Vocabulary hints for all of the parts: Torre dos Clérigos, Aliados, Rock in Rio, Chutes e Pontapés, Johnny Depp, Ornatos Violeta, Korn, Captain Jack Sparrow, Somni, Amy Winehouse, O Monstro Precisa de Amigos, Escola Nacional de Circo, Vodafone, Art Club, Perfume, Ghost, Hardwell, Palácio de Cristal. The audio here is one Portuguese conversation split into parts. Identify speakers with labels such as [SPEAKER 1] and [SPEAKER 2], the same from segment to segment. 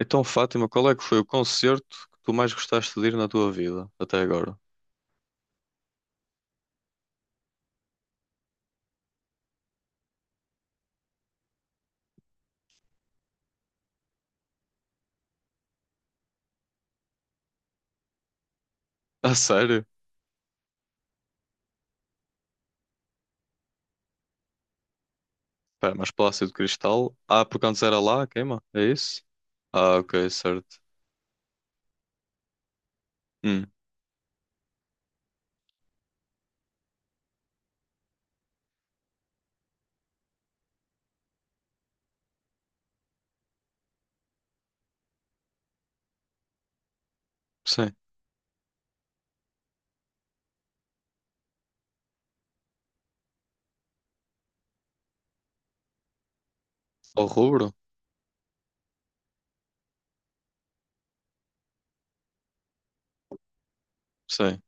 [SPEAKER 1] Então, Fátima, qual é que foi o concerto que tu mais gostaste de ir na tua vida até agora? A sério? Espera, mas Palácio de Cristal? Ah, porque antes era lá, queima? É isso? Ah, ok, certo. Hum, sim. Ao rubro? Sim,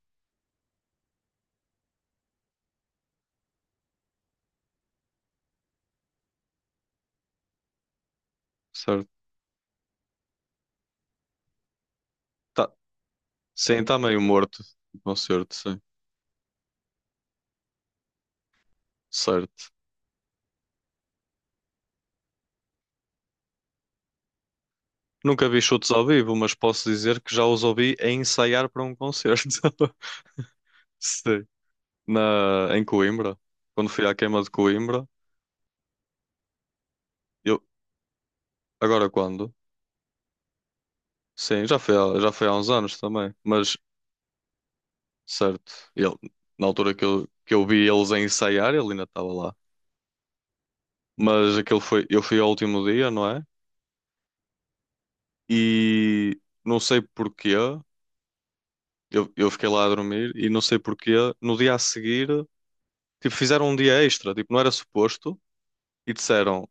[SPEAKER 1] certo. Tá. Sim, está meio morto o concerto, sim. Certo. Nunca vi chutes ao vivo, mas posso dizer que já os ouvi a ensaiar para um concerto. Sim. Em Coimbra. Quando fui à queima de Coimbra. Eu... Agora quando? Sim, já foi, já foi há uns anos também. Mas, certo, ele, na altura que eu vi eles a ensaiar, ele ainda estava lá. Mas aquele foi, eu fui ao último dia, não é? E não sei porquê, eu fiquei lá a dormir e não sei porquê, no dia a seguir, tipo, fizeram um dia extra, tipo, não era suposto, e disseram,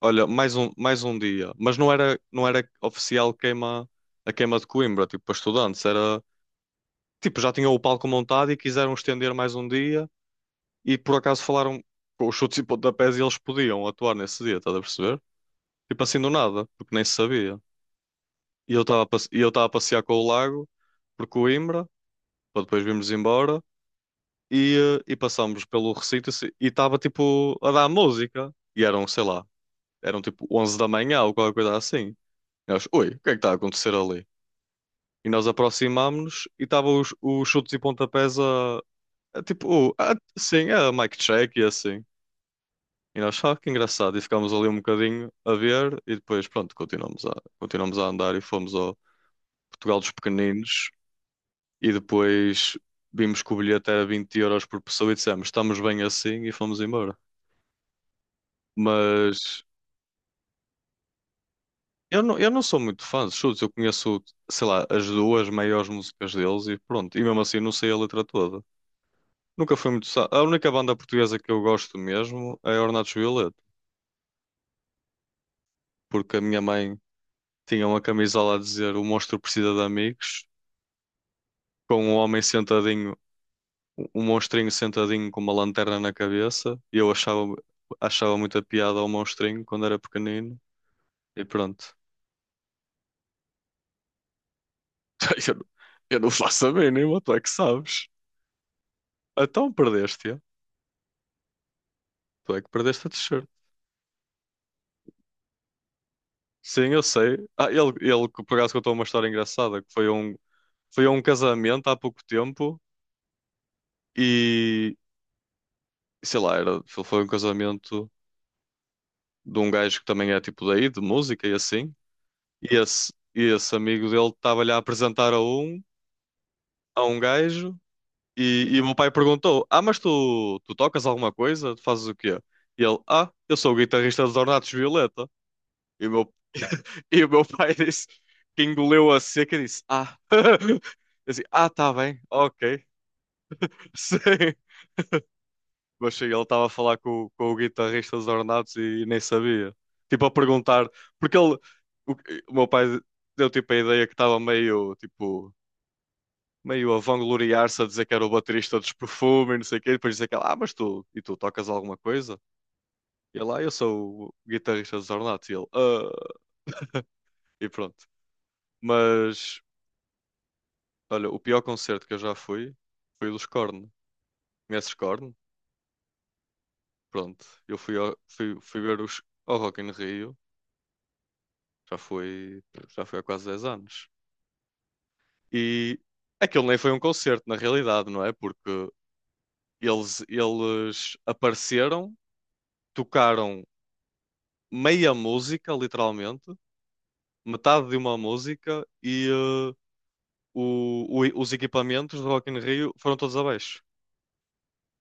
[SPEAKER 1] olha, mais um dia. Mas não era oficial queima, a queima de Coimbra, tipo, para estudantes, Tipo, já tinham o palco montado e quiseram estender mais um dia. E por acaso falaram com os chutes e pontapés e eles podiam atuar nesse dia, estás a perceber? Tipo assim do nada, porque nem se sabia. E eu estava a passear com o lago por Coimbra, para depois virmos embora, e, eh, e passámos pelo recinto assim, e estava tipo a dar música. E eram, sei lá, eram tipo 11 da manhã ou qualquer coisa assim. E nós, ui, o que é que está a acontecer ali? E nós aproximámos-nos e estavam os chutes e pontapés sim, a mic check e assim. E nós, ah, que engraçado. E ficámos ali um bocadinho a ver e depois, pronto, continuamos a andar e fomos ao Portugal dos Pequeninos e depois vimos que o bilhete era 20 euros por pessoa e dissemos, estamos bem assim e fomos embora. Mas eu não sou muito fã de Chutes, eu conheço, sei lá, as duas maiores músicas deles e pronto. E mesmo assim não sei a letra toda. Nunca fui muito. A única banda portuguesa que eu gosto mesmo é Ornatos Violeta, porque a minha mãe tinha uma camisola a dizer O Monstro Precisa de Amigos, com um homem sentadinho, um monstrinho sentadinho com uma lanterna na cabeça. E eu achava muita piada ao monstrinho quando era pequenino. E pronto. Eu, não- eu não faço a mínima, tu é que sabes. Então perdeste-a. Tu é que perdeste a t-shirt. Sim, eu sei. Ah, ele que por acaso contou uma história engraçada, que foi a um casamento há pouco tempo e, sei lá, era, foi um casamento de um gajo que também é tipo daí, de música e assim. E esse amigo dele estava-lhe a apresentar a um gajo, e o meu pai perguntou: Ah, mas tu tocas alguma coisa? Tu fazes o quê? E ele: Ah, eu sou o guitarrista dos Ornatos Violeta. E o meu, e o meu pai disse, que engoleu a seca e disse: Ah, eu disse, Ah, tá bem, ok. Sim. Mas sim, ele estava a falar com o guitarrista dos Ornatos e, nem sabia. Tipo, a perguntar, porque o, o meu pai deu tipo a ideia que estava meio tipo meio a vangloriar-se, a dizer que era o baterista dos Perfume, e não sei o quê, e depois dizer que ela, ah, mas tu tocas alguma coisa? E ele, ah, eu sou o guitarrista dos Ornato, e ele, ah, e pronto. Mas, olha, o pior concerto que eu já fui foi o dos Korn. Conheces Korn? Pronto, eu fui ver os ao Rock in Rio, já foi, já foi há quase 10 anos. E aquilo nem foi um concerto, na realidade, não é? Porque eles apareceram, tocaram meia música, literalmente, metade de uma música e os equipamentos do Rock in Rio foram todos abaixo.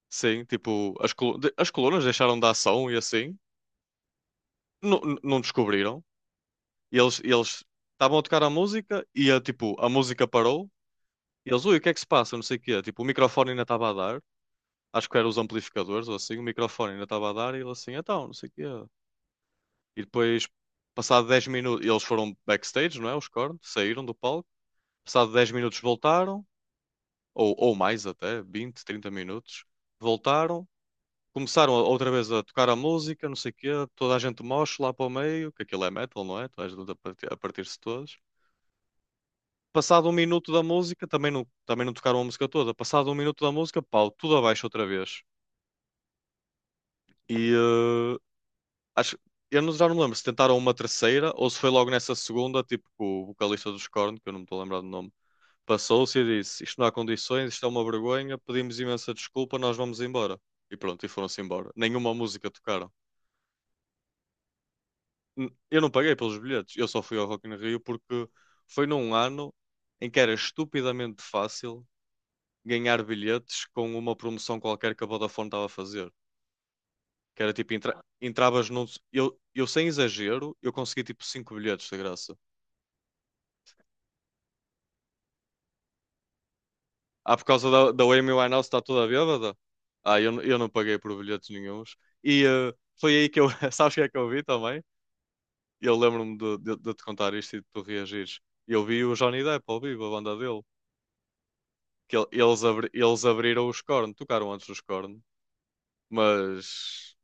[SPEAKER 1] Sim, tipo, as colunas deixaram de ação e assim, não, não descobriram. E eles estavam a tocar a música e, tipo, a música parou. E eles, ui, o que é que se passa? Não sei o quê. Tipo, o microfone ainda estava a dar. Acho que eram os amplificadores ou assim. O microfone ainda estava a dar e ele assim, então, não sei o quê. E depois, passado 10 minutos, eles foram backstage, não é? Os cornos, saíram do palco. Passado 10 minutos voltaram, ou mais até, 20-30 minutos, voltaram, começaram outra vez a tocar a música, não sei o quê, toda a gente mosh lá para o meio, que aquilo é metal, não é? Toda a gente a partir-se todos. Passado um minuto da música, também não tocaram a música toda. Passado um minuto da música, pau, tudo abaixo outra vez. E acho, eu não, já não me lembro se tentaram uma terceira ou se foi logo nessa segunda, tipo com o vocalista dos Korn, que eu não me estou a lembrar do nome. Passou-se e disse: Isto não há condições, isto é uma vergonha, pedimos imensa desculpa, nós vamos embora. E pronto, e foram-se embora. Nenhuma música tocaram. Eu não paguei pelos bilhetes, eu só fui ao Rock in Rio porque foi num ano em que era estupidamente fácil ganhar bilhetes com uma promoção qualquer que a Vodafone estava a fazer. Que era tipo, entravas num. Eu sem exagero, eu consegui tipo 5 bilhetes de graça. Ah, por causa da Amy Winehouse está toda bêbada? Ah, eu não paguei por bilhetes nenhuns. E foi aí que eu. Sabes o que é que eu vi também? Eu lembro-me de te contar isto e de tu reagires. Eu vi o Johnny Depp ao vivo, a banda dele. Que eles abriram os Korn, tocaram antes dos Korn, mas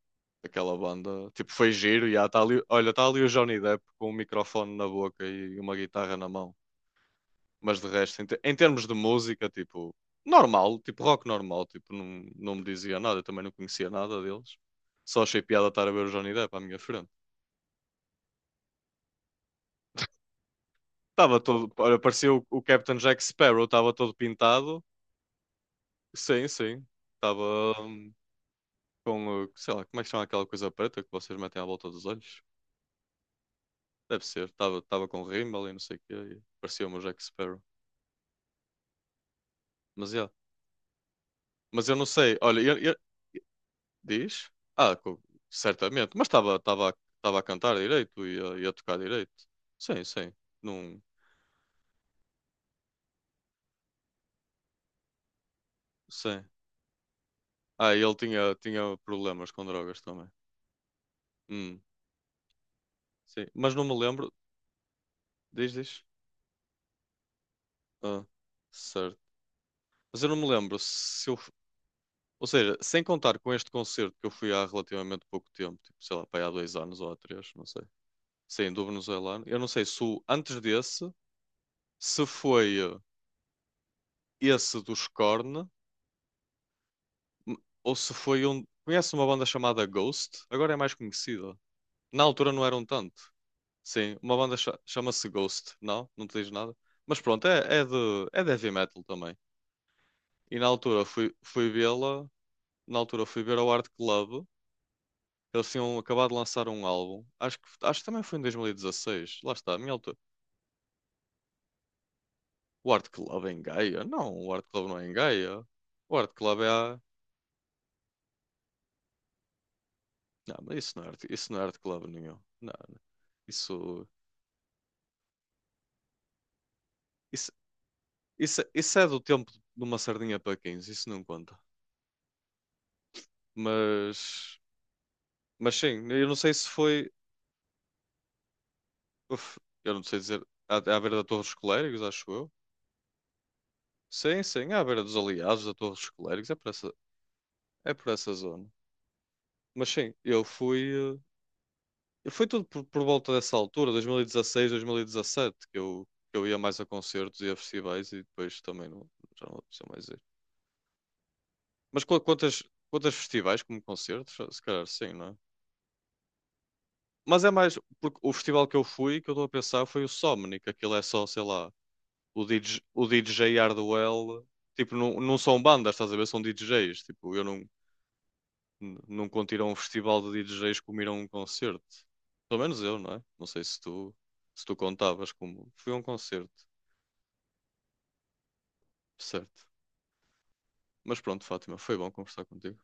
[SPEAKER 1] aquela banda, tipo, foi giro. E há, tá ali, olha, está ali o Johnny Depp com um microfone na boca e uma guitarra na mão. Mas de resto, em termos de música, tipo, normal, tipo rock normal, tipo, não me dizia nada, eu também não conhecia nada deles. Só achei piada estar a ver o Johnny Depp à minha frente. Estava todo, olha, parecia o Captain Jack Sparrow, estava todo pintado. Sim, sim. Estava com, sei lá, como é que chama aquela coisa preta que vocês metem à volta dos olhos? Deve ser, estava com rímel e não sei o quê, e parecia o meu Jack Sparrow. Mas, yeah. Mas eu não sei, olha, eu, Diz? Ah, certamente. Mas estava a cantar direito e a tocar direito. Sim, sim. Não, sim. Ah, e ele tinha problemas com drogas também. Hum, sim. Mas não me lembro. Diz, diz. Ah, certo. Mas eu não me lembro se eu. Ou seja, sem contar com este concerto que eu fui há relativamente pouco tempo, tipo, sei lá, para aí há 2 anos ou há três, não sei. Sim, do venezuelano. Eu não sei se o, antes desse, se foi esse dos Korn. Ou se foi um. Conhece uma banda chamada Ghost? Agora é mais conhecida. Na altura não eram tanto. Sim, uma banda chama-se Ghost. Não, não te diz nada. Mas pronto, é de heavy metal também. E na altura fui vê-la. Na altura fui ver ao Art Club. Eles tinham acabado de lançar um álbum. Acho que também foi em 2016. Lá está, a minha altura. O Art Club é em Gaia? Não, o Art Club não é em Gaia. O Art Club é a. Não, mas isso não é Art Club nenhum. Não, isso. Isso isso é do tempo de uma sardinha para 15, isso não conta. Mas, mas sim, eu não sei se foi. Eu não sei dizer. À beira da Torre dos Clérigos, acho eu. Sim, sim, à beira dos Aliados da Torre dos Clérigos, é por essa zona. Mas sim, eu fui. Foi tudo por volta dessa altura, 2016, 2017, que eu ia mais a concertos e a festivais e depois também não, já não apeteceu mais ir. Mas quantas festivais como concertos? Se calhar sim, não é? Mas é mais, porque o festival que eu fui, que eu estou a pensar, foi o Somni, que aquilo é só, sei lá, o DJ Hardwell, tipo, não, não são bandas, estás a ver? São DJs, tipo, eu não conto ir a um festival de DJs como ir a um concerto. Pelo menos eu, não é? Não sei se tu contavas como, fui a um concerto, certo? Mas pronto, Fátima, foi bom conversar contigo.